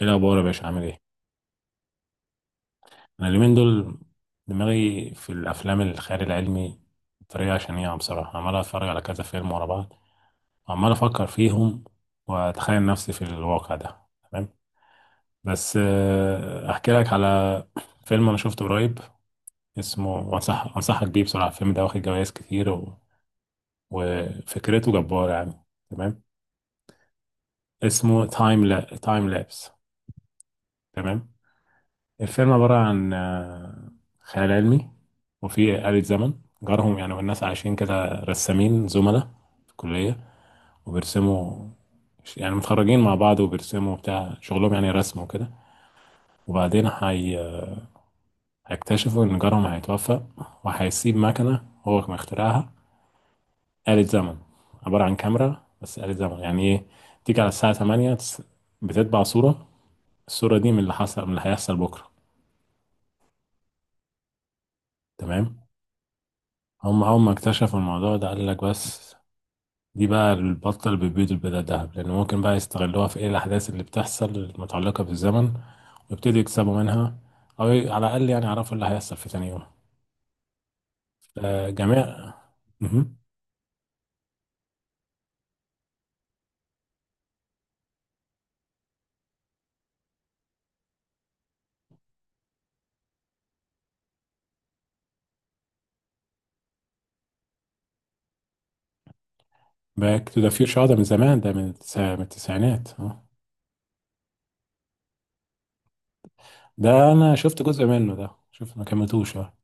ايه الاخبار يا باشا؟ عامل ايه؟ انا اليومين دول دماغي في الافلام الخيال العلمي بطريقه شنيعه بصراحه، عمال اتفرج على كذا فيلم ورا بعض وعمال افكر فيهم واتخيل نفسي في الواقع ده. تمام، بس احكي لك على فيلم انا شفته قريب، اسمه، وانصح انصحك بيه بصراحه. الفيلم ده واخد جوائز كتير وفكرته جباره يعني. تمام، اسمه تايم لا تايم لابس. تمام، الفيلم عبارة عن خيال علمي، وفي آلة زمن جارهم يعني. والناس عايشين كده رسامين زملاء في الكلية، وبيرسموا، يعني متخرجين مع بعض وبيرسموا بتاع شغلهم، يعني رسم وكده. وبعدين هيكتشفوا إن جارهم هيتوفى، وهيسيب مكنة هو كان مخترعها، آلة زمن عبارة عن كاميرا، بس آلة زمن يعني إيه؟ تيجي على الساعة 8، بتتبع صورة، الصورة دي من اللي حصل، من اللي هيحصل بكرة. تمام، هم أول ما اكتشفوا الموضوع ده قال لك، بس دي بقى البطة اللي بتبيض البيضة الذهب، لأن ممكن بقى يستغلوها في إيه، الأحداث اللي بتحصل المتعلقة بالزمن، ويبتدوا يكسبوا منها، أو على الأقل يعني يعرفوا اللي هيحصل في تاني يوم. جميع. باك تو ذا فيوتشر ده من زمان، ده من التسعينات آه. ده أنا شفت جزء منه، ده شوف ما كملتوش آه.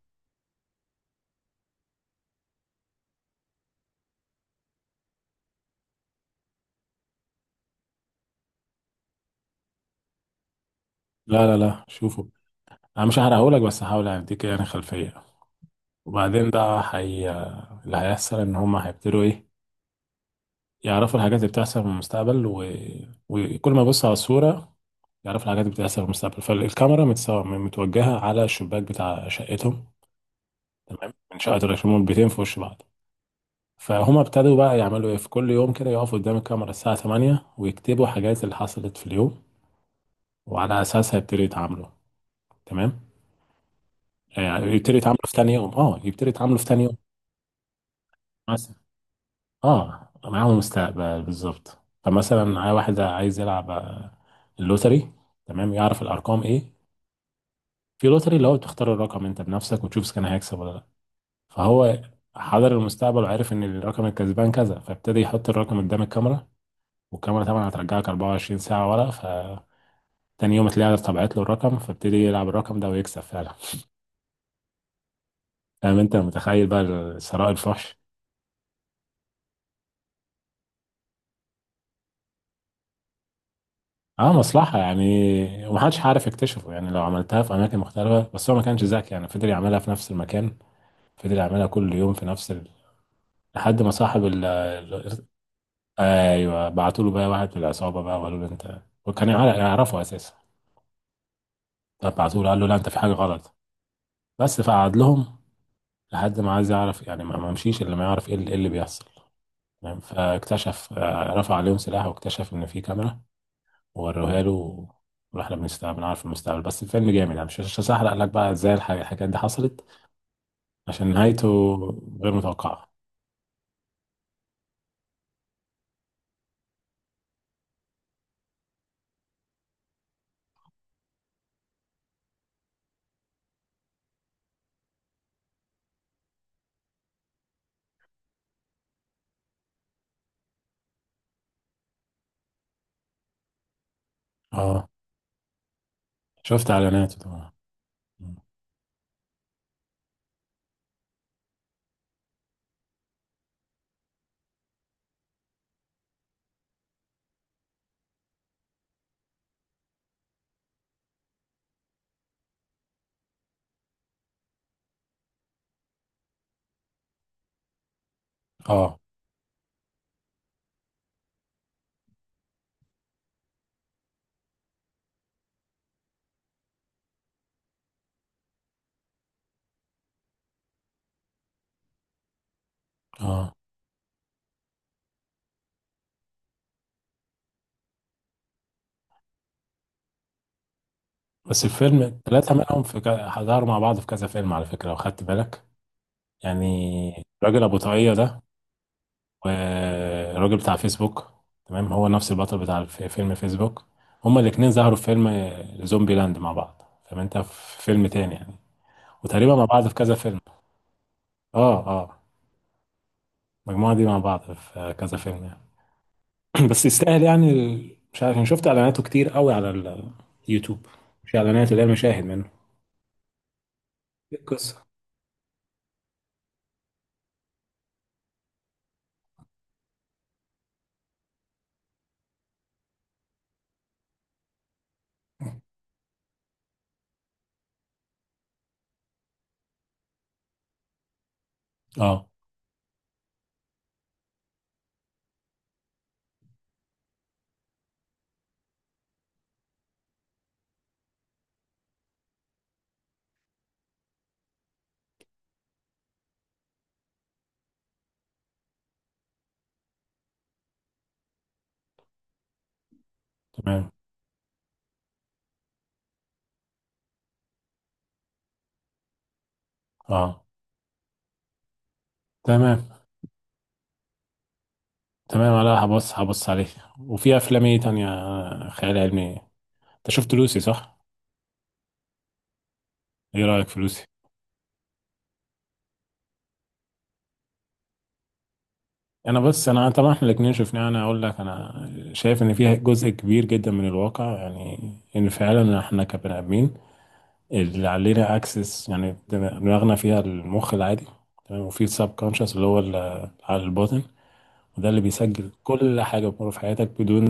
لا لا لا، شوفوا، أنا مش هحرقهولك، بس هحاول أديك يعني خلفية. وبعدين ده حي... اللي هيحصل إن هما هيبتدوا إيه، يعرفوا الحاجات اللي بتحصل في المستقبل وكل ما يبص على الصورة يعرف الحاجات اللي بتحصل في المستقبل. فالكاميرا متوجهة على الشباك بتاع شقتهم. تمام، من شقة الرئيس، هما البيتين في وش بعض، فهما ابتدوا بقى يعملوا ايه، في كل يوم كده يقفوا قدام الكاميرا الساعة 8 ويكتبوا حاجات اللي حصلت في اليوم، وعلى أساسها يبتدوا يتعاملوا. تمام، يعني يبتدوا يتعاملوا في تاني يوم، اه يبتدوا يتعاملوا في تاني يوم. مثلا، اه معاهم مستقبل بالظبط. فمثلا واحد عايز يلعب اللوتري. تمام، يعرف الأرقام ايه، في لوتري اللي هو بتختار الرقم انت بنفسك وتشوف اذا كان هيكسب ولا. فهو حضر المستقبل وعرف ان الرقم الكسبان كذا، فابتدى يحط الرقم قدام الكاميرا، والكاميرا طبعا هترجعك 24 ساعة ورا، فتاني يوم تلاقيها طبعت له الرقم، فابتدي يلعب الرقم ده ويكسب فعلا. فاهم؟ انت متخيل بقى ثراء الفحش. اه مصلحة يعني، ومحدش عارف يكتشفه، يعني لو عملتها في أماكن مختلفة، بس هو ما كانش ذكي يعني، فضل يعملها في نفس المكان، فضل يعملها كل يوم في نفس ال... لحد ما صاحب ال... ال- ايوه، بعتوا له بقى واحد من العصابة بقى وقالوا له انت، وكان يعرفه أساسا، فبعتوا له قال له لا انت في حاجه غلط. بس فقعد لهم، لحد ما عايز يعرف يعني، ما مشيش الا ما يعرف إيه اللي بيحصل. تمام، فاكتشف رفع عليهم سلاح، واكتشف ان في كاميرا، ووروها له، واحنا بنستقبل بنعرف المستقبل. بس الفيلم جامد يعني، مش هحرق لك بقى ازاي الحاجات دي حصلت، عشان نهايته غير متوقعه. اه شفت اعلاناته طبعا. اه، اه، بس الفيلم الثلاثة منهم في ك... ظهروا مع بعض في كذا فيلم على فكرة، لو خدت بالك يعني. الراجل أبو طاقية ده والراجل بتاع فيسبوك، تمام هو نفس البطل بتاع فيلم فيسبوك. هما الاتنين ظهروا في فيلم زومبي لاند مع بعض، فانت في فيلم تاني يعني، وتقريبا مع بعض في كذا فيلم. اه، اه، المجموعة دي مع بعض في كذا فيلم يعني. بس يستاهل يعني، مش عارف، أنا شفت اعلاناته كتير قوي على اليوتيوب، مش اعلانات، اللي هي المشاهد منه. إيه القصة؟ اه، تمام. اه، تمام. تمام، لا هبص عليه. وفي افلام ايه تانية خيال علمي؟ انت شفت لوسي صح؟ ايه رأيك في لوسي؟ انا بس، انا طبعا احنا الاثنين شفناه، انا اقول لك انا شايف ان فيها جزء كبير جدا من الواقع، يعني ان فعلا احنا كبني ادمين اللي علينا اكسس، يعني دماغنا فيها المخ العادي، تمام، وفي السب كونشس اللي هو على الباطن، وده اللي بيسجل كل حاجه بتمر في حياتك بدون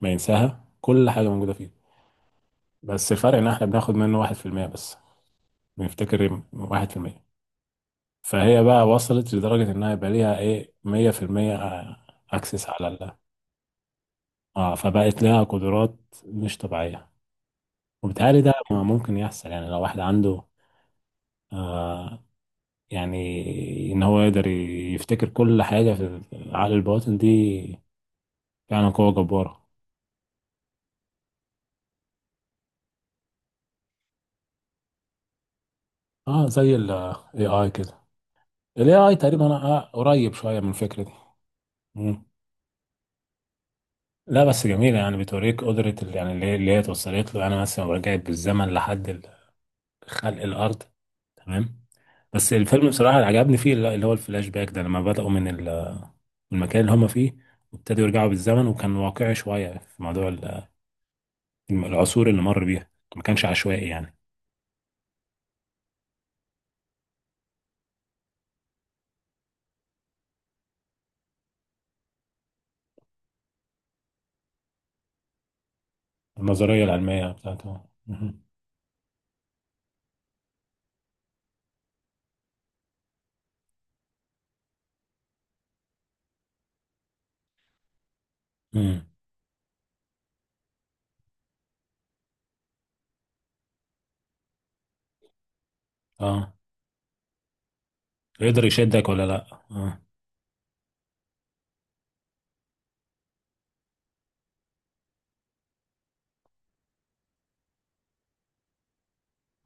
ما ينساها، كل حاجه موجوده فيه. بس الفرق ان احنا بناخد منه 1% بس، بنفتكر 1%. فهي بقى وصلت لدرجه انها يبقى ليها ايه، 100% اكسس على ال، اه فبقت لها قدرات مش طبيعية. وبالتالي ده ممكن يحصل، يعني لو واحد عنده آه، يعني ان هو يقدر يفتكر كل حاجة في عقل الباطن دي، فعلا قوة جبارة. اه زي ال AI كده، ال AI تقريبا آه قريب شوية من الفكرة دي. مم. لا بس جميلة يعني، بتوريك قدرة اللي هي توصلت له، يعني مثلا لو رجعت بالزمن لحد خلق الارض. تمام، بس الفيلم بصراحه اللي عجبني فيه، اللي هو الفلاش باك ده، لما بداوا من المكان اللي هم فيه، وابتدوا يرجعوا بالزمن، وكان واقعي شويه في موضوع العصور اللي مر بيها، ما كانش عشوائي يعني. النظريه العلميه بتاعته مهم. مم. اه يقدر يشدك ولا لا؟ اه.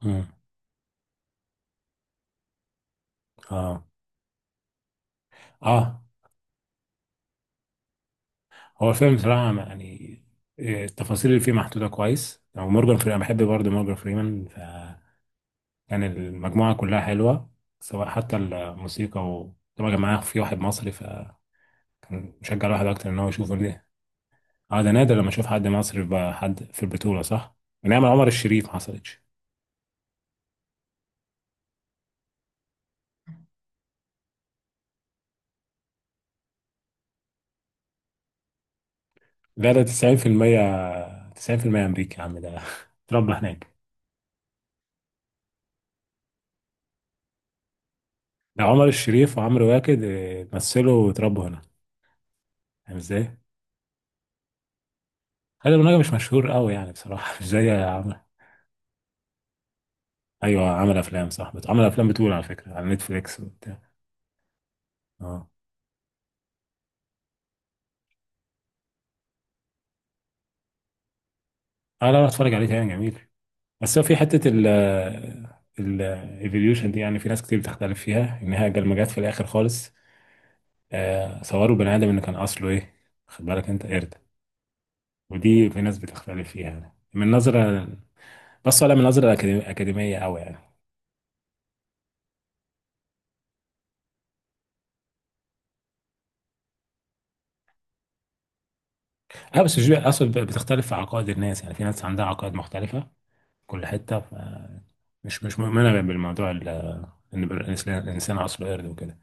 مم. اه، اه، هو الفيلم بصراحه يعني، التفاصيل اللي فيه محطوطه كويس، ومورجان فريمان أنا بحب برضه مورجان فريمان، كان المجموعة كلها حلوة، سواء حتى الموسيقى، و طبعا معاه في واحد مصري فكان مشجع الواحد أكتر إن هو يشوفه ليه. اه ده نادر لما أشوف حد مصري بقى، حد في البطولة صح؟ من أيام عمر الشريف ما حصلتش. لا ده 90%، 90% أمريكي يا عم ده اتربى هناك. ده عمر الشريف وعمرو واكد مثلوا واتربوا هنا، فاهم ازاي؟ خالد أبو النجا مش مشهور قوي يعني بصراحة مش زي عمرو. أيوه عمل أفلام صح، عمل أفلام بتقول على فكرة على نتفليكس وبتاع. اه، اه، لا لا اتفرج عليه تاني، جميل. بس هو في حتة ال evolution دي، يعني في ناس كتير بتختلف فيها، إن هي لما جت في الآخر خالص صوروا بني آدم إنه كان أصله إيه، خد بالك أنت قرد. ودي في ناس بتختلف فيها يعني، من نظرة، بس ولا من نظرة أكاديمية أوي يعني. أه بس مش أصل، بتختلف في عقائد الناس، يعني في ناس عندها عقائد مختلفة في كل حتة مش مؤمنة بالموضوع إن الإنسان أصله قرد وكده.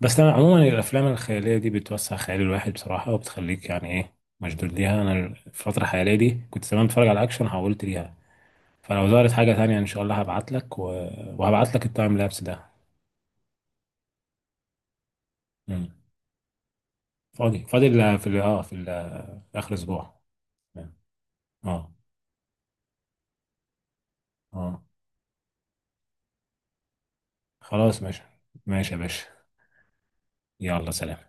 بس انا عموما الافلام الخياليه دي بتوسع خيال الواحد بصراحه، وبتخليك يعني ايه مشدود ليها. انا الفتره الحاليه دي، كنت زمان بتفرج على اكشن، حولت ليها. فلو ظهرت حاجه تانية ان شاء الله هبعت لك وهبعت لك التايم لابس ده. مم. فاضي ال- في ال- اه في ال- اخر اسبوع. تمام. اه، اه، خلاص ماشي، ماشي يا باشا، يلا سلام.